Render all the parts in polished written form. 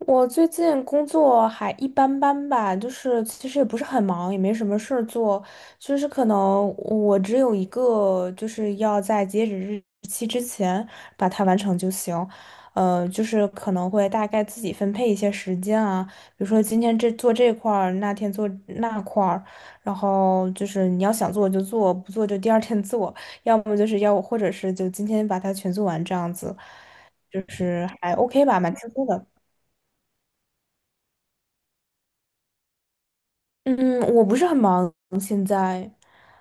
我最近工作还一般般吧，就是其实也不是很忙，也没什么事儿做，就是可能我只有一个，就是要在截止日期之前把它完成就行。就是可能会大概自己分配一些时间啊，比如说今天这做这块儿，那天做那块儿，然后就是你要想做就做，不做就第二天做，要么就是要或者是就今天把它全做完这样子，就是还 OK 吧，蛮轻松的。嗯，我不是很忙，现在。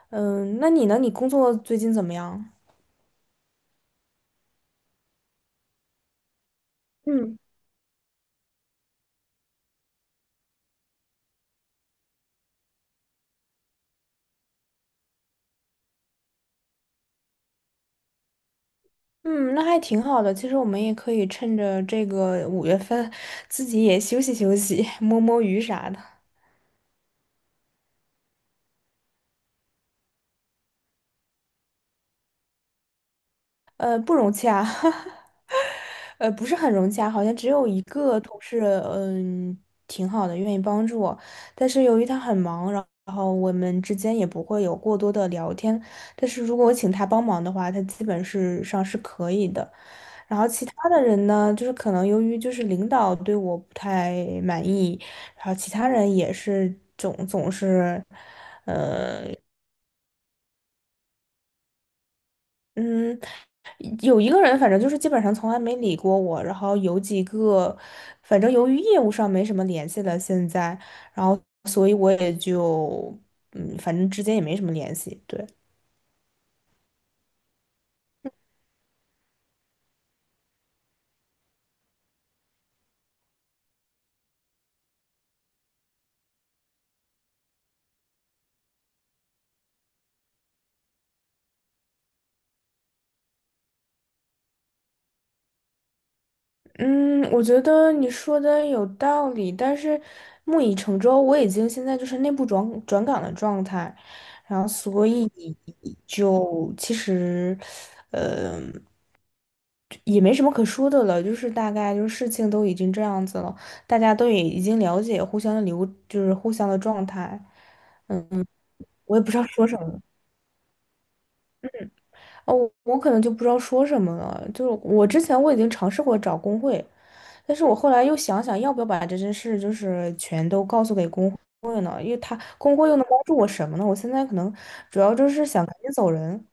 嗯，那你呢？你工作最近怎么样？嗯，嗯，那还挺好的。其实我们也可以趁着这个五月份，自己也休息休息，摸摸鱼啥的。不容易啊。不是很融洽，好像只有一个同事，嗯，挺好的，愿意帮助我。但是由于他很忙，然后我们之间也不会有过多的聊天。但是如果我请他帮忙的话，他基本是上是可以的。然后其他的人呢，就是可能由于就是领导对我不太满意，然后其他人也是总是。嗯。有一个人，反正就是基本上从来没理过我，然后有几个，反正由于业务上没什么联系了，现在，然后所以我也就，嗯，反正之间也没什么联系，对。嗯，我觉得你说的有道理，但是木已成舟，我已经现在就是内部转岗的状态，然后所以就其实，呃，也没什么可说的了，就是大概就是事情都已经这样子了，大家都也已经了解互相的流，就是互相的状态，我也不知道说什么哦，我可能就不知道说什么了。就是我之前我已经尝试过找工会，但是我后来又想想要不要把这件事就是全都告诉给工会呢，因为他工会又能帮助我什么呢？我现在可能主要就是想赶紧走人。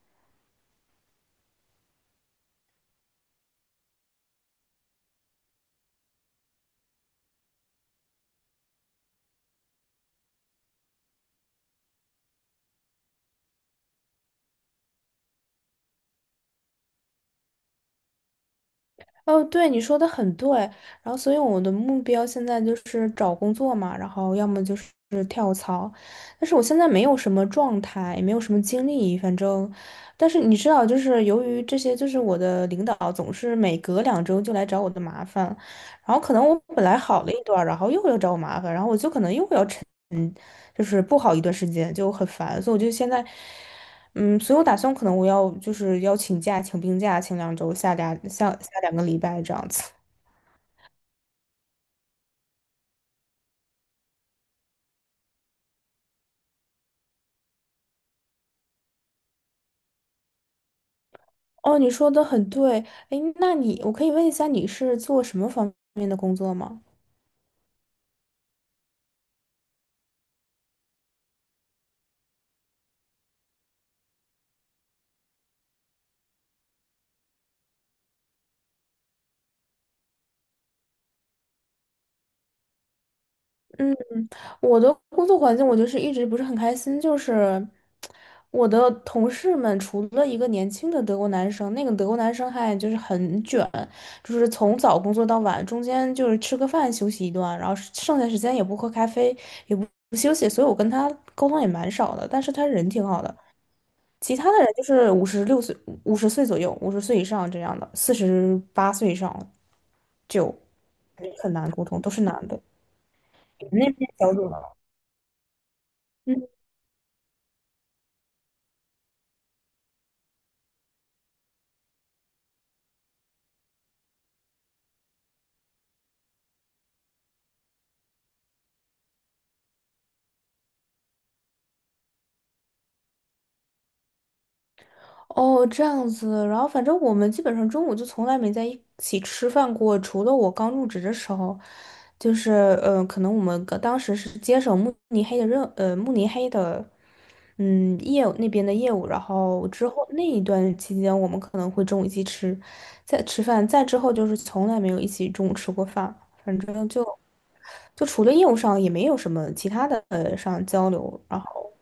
哦，对，你说的很对。然后，所以我的目标现在就是找工作嘛，然后要么就是跳槽。但是我现在没有什么状态，也没有什么精力，反正。但是你知道，就是由于这些，就是我的领导总是每隔两周就来找我的麻烦，然后可能我本来好了一段儿然后又要找我麻烦，然后我就可能又要沉，就是不好一段时间，就很烦。所以我就现在。嗯，所以我打算可能我要就是要请假，请病假，请两周，下两个礼拜这样子。哦，你说的很对，哎，那你我可以问一下你是做什么方面的工作吗？嗯，我的工作环境，我就是一直不是很开心，就是我的同事们，除了一个年轻的德国男生，那个德国男生还就是很卷，就是从早工作到晚，中间就是吃个饭休息一段，然后剩下时间也不喝咖啡，也不休息，所以我跟他沟通也蛮少的，但是他人挺好的。其他的人就是56岁、五十岁左右、五十岁以上这样的，48岁以上就很难沟通，都是男的。你们那边小组呢？哦，这样子，然后反正我们基本上中午就从来没在一起吃饭过，除了我刚入职的时候，就是可能我们刚当时是接手慕尼黑的任呃慕尼黑的嗯业务那边的业务，然后之后那一段期间我们可能会中午一起吃，在吃饭，再之后就是从来没有一起中午吃过饭，反正就除了业务上也没有什么其他的上交流，然后。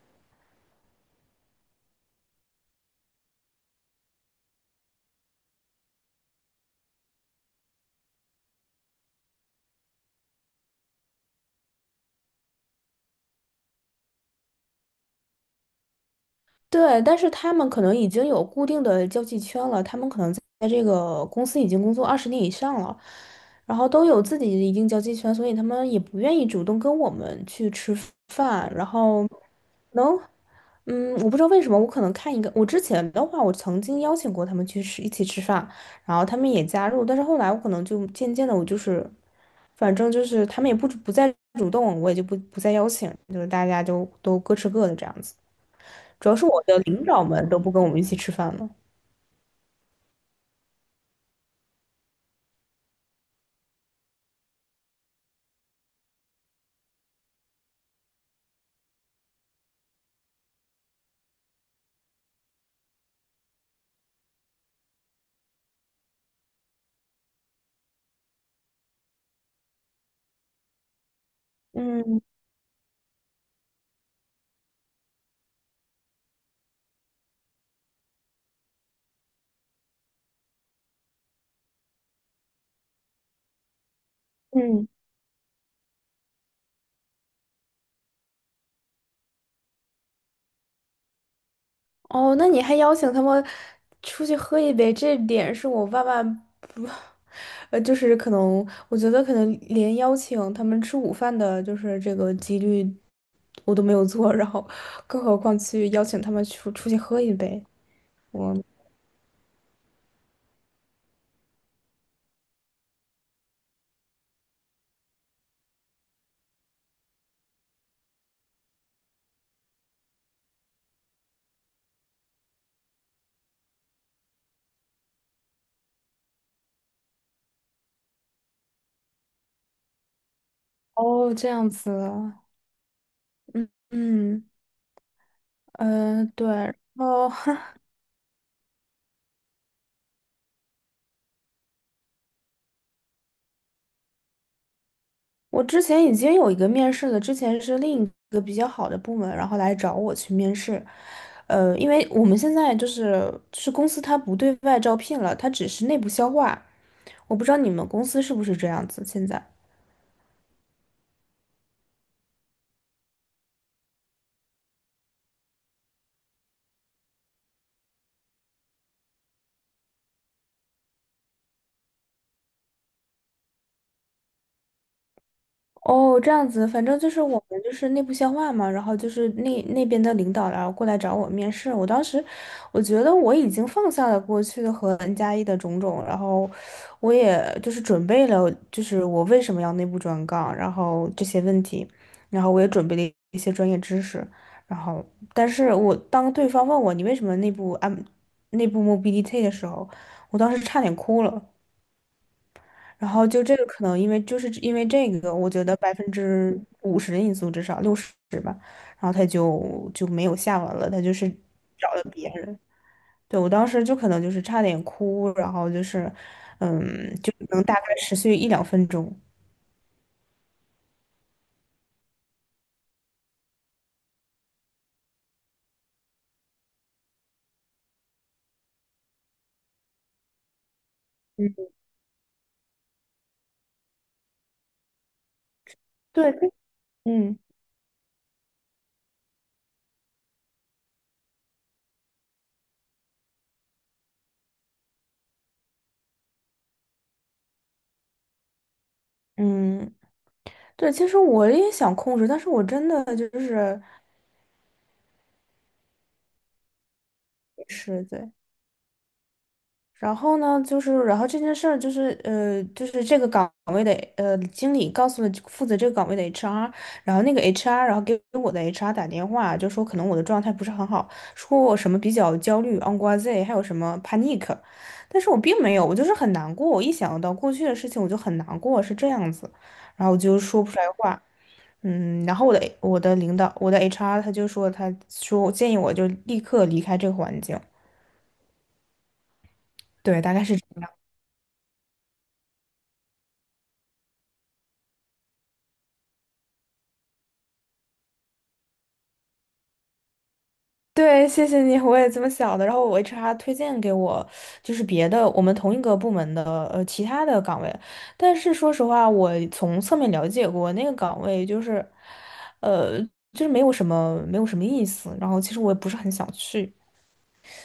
对，但是他们可能已经有固定的交际圈了，他们可能在这个公司已经工作20年以上了，然后都有自己的一定交际圈，所以他们也不愿意主动跟我们去吃饭，然后能，嗯，我不知道为什么，我可能看一个，我之前的话，我曾经邀请过他们去吃一起吃饭，然后他们也加入，但是后来我可能就渐渐的，我就是，反正就是他们也不再主动，我也就不再邀请，就是大家就都各吃各的这样子。主要是我的领导们都不跟我们一起吃饭了。嗯嗯，哦，那你还邀请他们出去喝一杯，这点是我万万不，就是可能我觉得可能连邀请他们吃午饭的，就是这个几率我都没有做，然后更何况去邀请他们出去喝一杯，我哦这样子啊，嗯嗯对，然后我之前已经有一个面试了，之前是另一个比较好的部门，然后来找我去面试。因为我们现在就是公司它不对外招聘了，它只是内部消化。我不知道你们公司是不是这样子现在。哦，这样子，反正就是我们就是内部消化嘛，然后就是那边的领导然后过来找我面试，我当时我觉得我已经放下了过去和 N+1的种种，然后我也就是准备了，就是我为什么要内部转岗，然后这些问题，然后我也准备了一些专业知识，然后但是我当对方问我你为什么内部内部 mobility 的时候，我当时差点哭了。然后就这个可能因为就是因为这个，我觉得50%的因素至少60吧，然后他就没有下文了，他就是找了别人。对，我当时就可能就是差点哭，然后就是，嗯，就能大概持续一两分钟。嗯，对，嗯嗯，对，其实我也想控制，但是我真的就是是，对，然后呢，就是，然后这件事儿就是，就是这个岗位的，经理告诉了负责这个岗位的 HR，然后那个 HR，然后给我的 HR 打电话，就说可能我的状态不是很好，说我什么比较焦虑、anxiety 还有什么 panic，但是我并没有，我就是很难过，我一想到过去的事情我就很难过，是这样子，然后我就说不出来话，嗯，然后我的领导，我的 HR 他就说，他说建议我就立刻离开这个环境，对，大概是。对，谢谢你，我也这么想的。然后我 HR 推荐给我，就是别的我们同一个部门的其他的岗位，但是说实话，我从侧面了解过那个岗位，就是，呃，就是没有什么意思。然后其实我也不是很想去，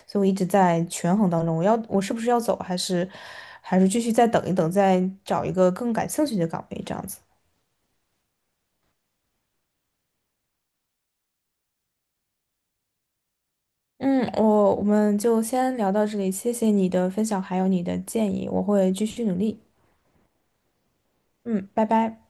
所以我一直在权衡当中，我是不是要走，还是继续再等一等，再找一个更感兴趣的岗位这样子。嗯，我们就先聊到这里，谢谢你的分享，还有你的建议，我会继续努力。嗯，拜拜。